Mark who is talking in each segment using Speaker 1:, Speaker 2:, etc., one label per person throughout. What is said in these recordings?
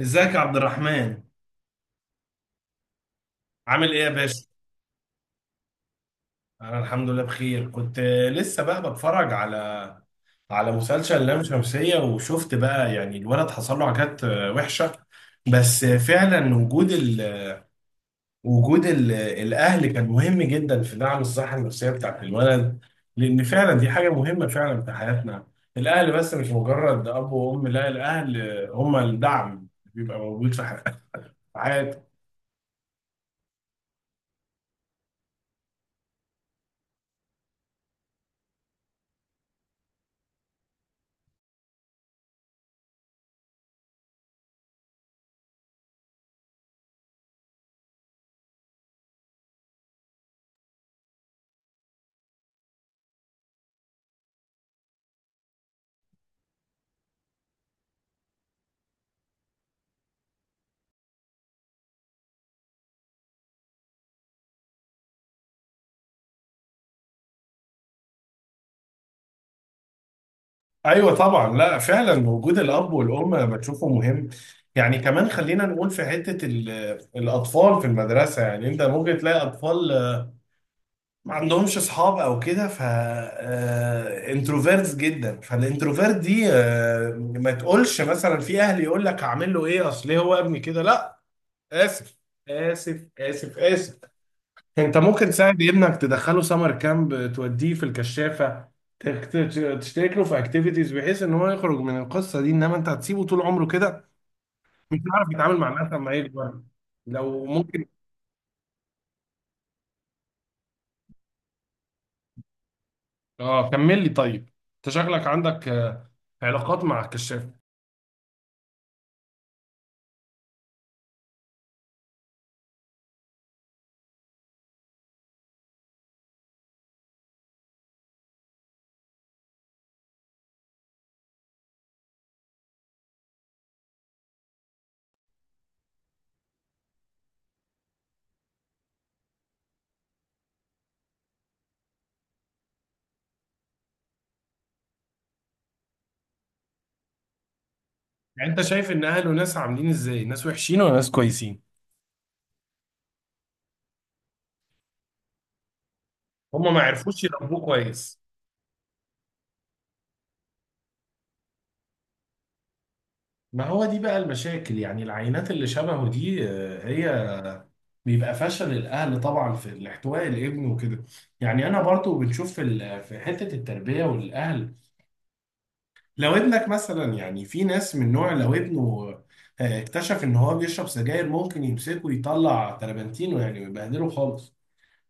Speaker 1: ازيك يا عبد الرحمن؟ عامل ايه يا باشا؟ انا الحمد لله بخير. كنت لسه بقى بتفرج على مسلسل لام شمسية، وشفت بقى يعني الولد حصل له عكات وحشة. بس فعلا وجود الاهل كان مهم جدا في دعم الصحة النفسية بتاعت الولد، لان فعلا دي حاجة مهمة فعلا في حياتنا. الاهل بس مش مجرد اب وام، لا، الاهل هم الدعم اللي بيبقى موجود في حياتنا. ايوه طبعا، لا فعلا وجود الاب والام بتشوفه مهم. يعني كمان خلينا نقول في حته الاطفال في المدرسه، يعني انت ممكن تلاقي اطفال ما عندهمش اصحاب او كده، ف انتروفيرتس جدا. فالانتروفيرت دي ما تقولش مثلا في اهل يقول لك هعمل له ايه، اصل إيه هو ابني كده؟ لا. اسف، اسف. انت ممكن تساعد ابنك، تدخله سمر كامب، توديه في الكشافة، تخت- تشترك له في اكتيفيتيز، بحيث ان هو يخرج من القصة دي. انما انت هتسيبه طول عمره كده، مش هيعرف يتعامل مع الناس لما يكبر. لو ممكن. اه كمل لي طيب، انت شكلك عندك علاقات مع الكشافة. يعني انت شايف ان اهله ناس عاملين ازاي، ناس وحشين ولا ناس كويسين؟ هم ما عرفوش يربوه كويس. ما هو دي بقى المشاكل، يعني العينات اللي شبهه دي هي بيبقى فشل الاهل طبعا في الاحتواء الابن وكده. يعني انا برضو بنشوف في في حته التربيه والاهل. لو ابنك مثلا، يعني في ناس من نوع لو ابنه اكتشف ان هو بيشرب سجاير، ممكن يمسكه يطلع تربنتينه يعني ويبهدله خالص.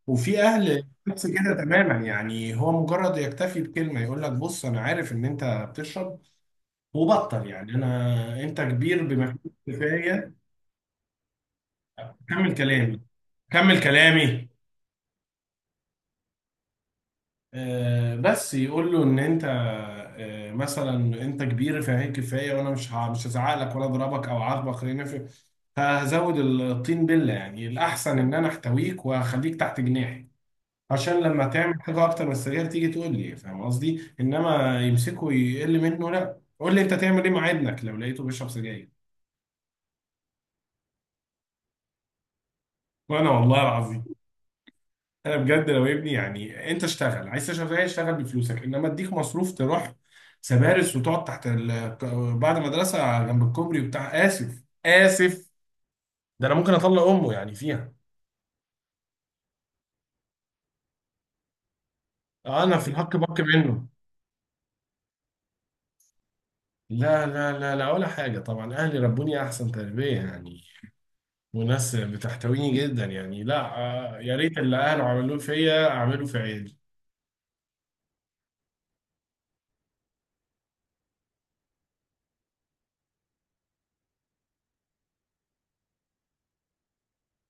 Speaker 1: وفي اهل نفس كده تماما، يعني هو مجرد يكتفي بكلمه، يقول لك بص انا عارف ان انت بتشرب وبطل، يعني انا انت كبير بما فيه الكفايه. كمل كلامي. بس يقول له ان انت مثلا انت كبير فهي كفايه، وانا مش هزعق لك ولا اضربك او اعاقبك، خلينا في هزود الطين بله. يعني الاحسن ان انا احتويك وهخليك تحت جناحي، عشان لما تعمل حاجه اكتر من السرير تيجي تقول لي. فاهم قصدي؟ انما يمسكه يقل منه، لا. قول لي انت تعمل ايه مع ابنك لو لقيته بيشرب سجاير. وانا والله العظيم، انا بجد لو ابني، يعني انت اشتغل، عايز تشتغل زي اشتغل بفلوسك، انما اديك مصروف تروح سبارس وتقعد تحت بعد مدرسه جنب الكوبري وبتاع، اسف. ده انا ممكن اطلق امه يعني فيها. انا في الحق بك منه. لا ولا حاجه طبعا، اهلي ربوني احسن تربيه يعني، وناس بتحتويني جدا يعني، لا. يا ريت اللي اهله عملوه فيا اعمله في عيالي.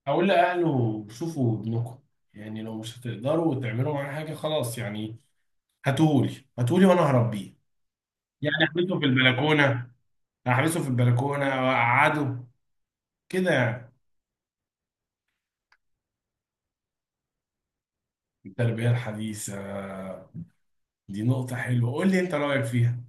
Speaker 1: اقول لاهله شوفوا ابنكم، يعني لو مش هتقدروا تعملوا معاه حاجه خلاص يعني، هاتهولي وانا هربيه. يعني احبسه في البلكونه، احبسه في البلكونه واقعده كده يعني. التربيه الحديثه، دي نقطه حلوه، قول لي انت رايك فيها.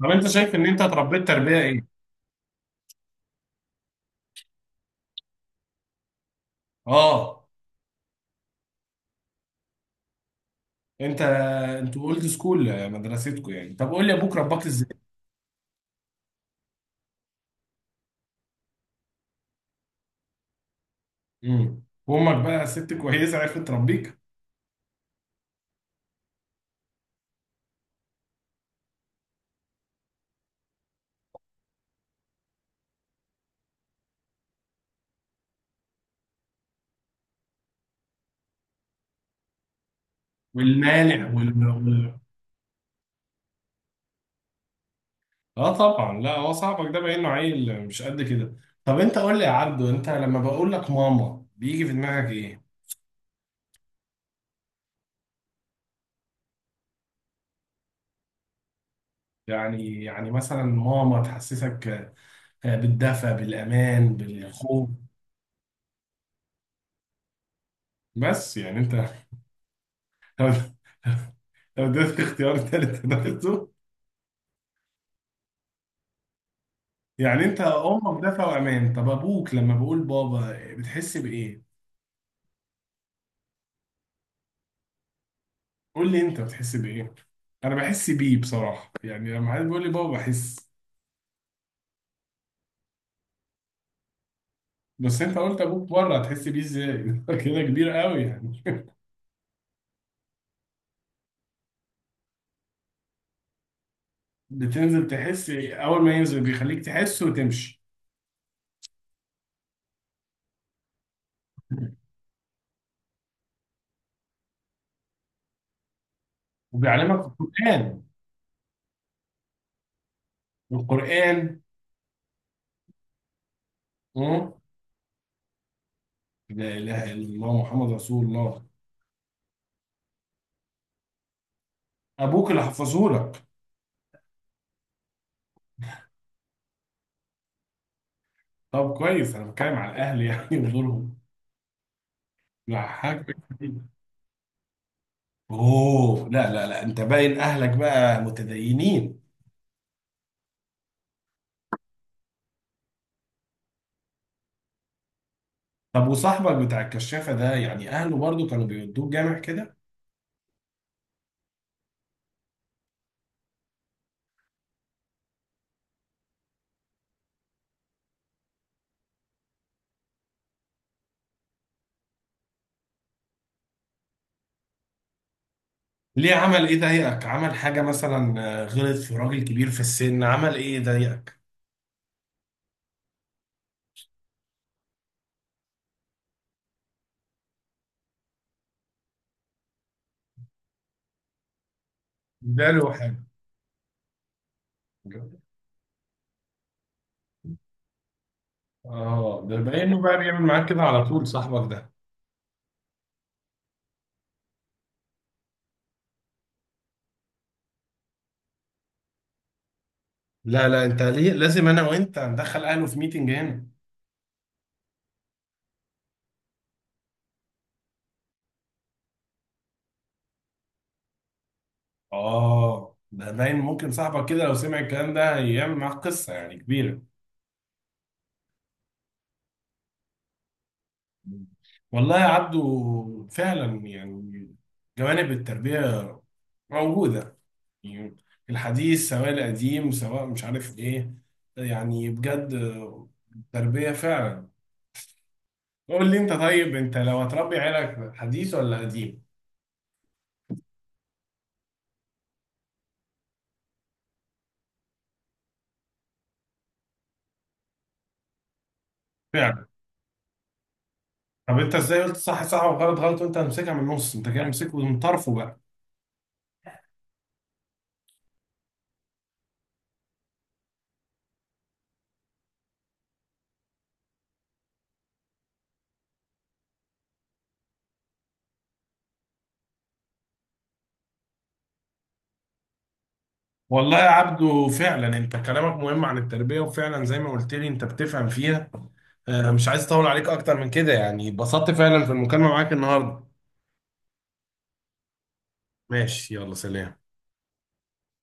Speaker 1: طب انت شايف ان انت اتربيت تربيه ايه؟ اه. انت انتوا اولد سكول، مدرستكم يعني. طب قول لي ابوك رباك ازاي؟ وامك بقى ست كويسه، عرفت تربيك؟ والمانع اه طبعا، لا هو صاحبك ده باين له عيل مش قد كده. طب انت قول لي يا عبدو، انت لما بقول لك ماما بيجي في دماغك ايه؟ يعني مثلا ماما تحسسك بالدفى، بالأمان، بالخوف؟ بس يعني أنت لو اديتك اختيار تالت هتاخده. يعني أنت أمك دفى وأمان، طب أبوك لما بقول بابا بتحس بإيه؟ قول لي أنت بتحس بإيه؟ أنا بحس بيه بصراحة، يعني لما حد بيقول لي بابا بحس. بس أنت قلت أبوك بره، هتحس بيه إزاي؟ كده كبير قوي يعني. بتنزل تحس أول ما ينزل، بيخليك تحس وتمشي. وبيعلمك القرآن. القرآن. مم. لا اله الا الله محمد رسول الله. ابوك اللي حفظه لك؟ طب كويس، انا بتكلم على الاهل يعني ودورهم. لا حاجه. اوه، لا، انت باين اهلك بقى متدينين. طب وصاحبك بتاع الكشافه ده، يعني اهله برضو كانوا بيودوه جامع كده؟ ليه؟ عمل ايه ضايقك؟ عمل حاجه مثلا غلط في راجل كبير في السن؟ عمل ايه ضايقك؟ اداله حاجه؟ اه، ده باين انه بقى بيعمل معاك كده على طول صاحبك ده. لا، انت ليه؟ لازم انا وانت ندخل اهله في ميتنج هنا. اه ده باين ممكن صاحبك كده لو سمع الكلام ده هيعمل معاك قصه يعني كبيره. والله يا عبدو فعلا يعني جوانب التربيه موجوده يعني، الحديث سواء القديم سواء مش عارف ايه، يعني بجد التربيه فعلا. قول لي انت طيب، انت لو هتربي عيالك حديث ولا قديم؟ فعلا. طب انت ازاي قلت صح صح وغلط غلط وانت همسكها من النص؟ انت كده مسكه من طرفه بقى. والله يا عبدو فعلا انت كلامك مهم عن التربية، وفعلا زي ما قلت لي انت بتفهم فيها. مش عايز اطول عليك اكتر من كده يعني. اتبسطت فعلا في المكالمة معاك النهاردة. ماشي، يلا سلام.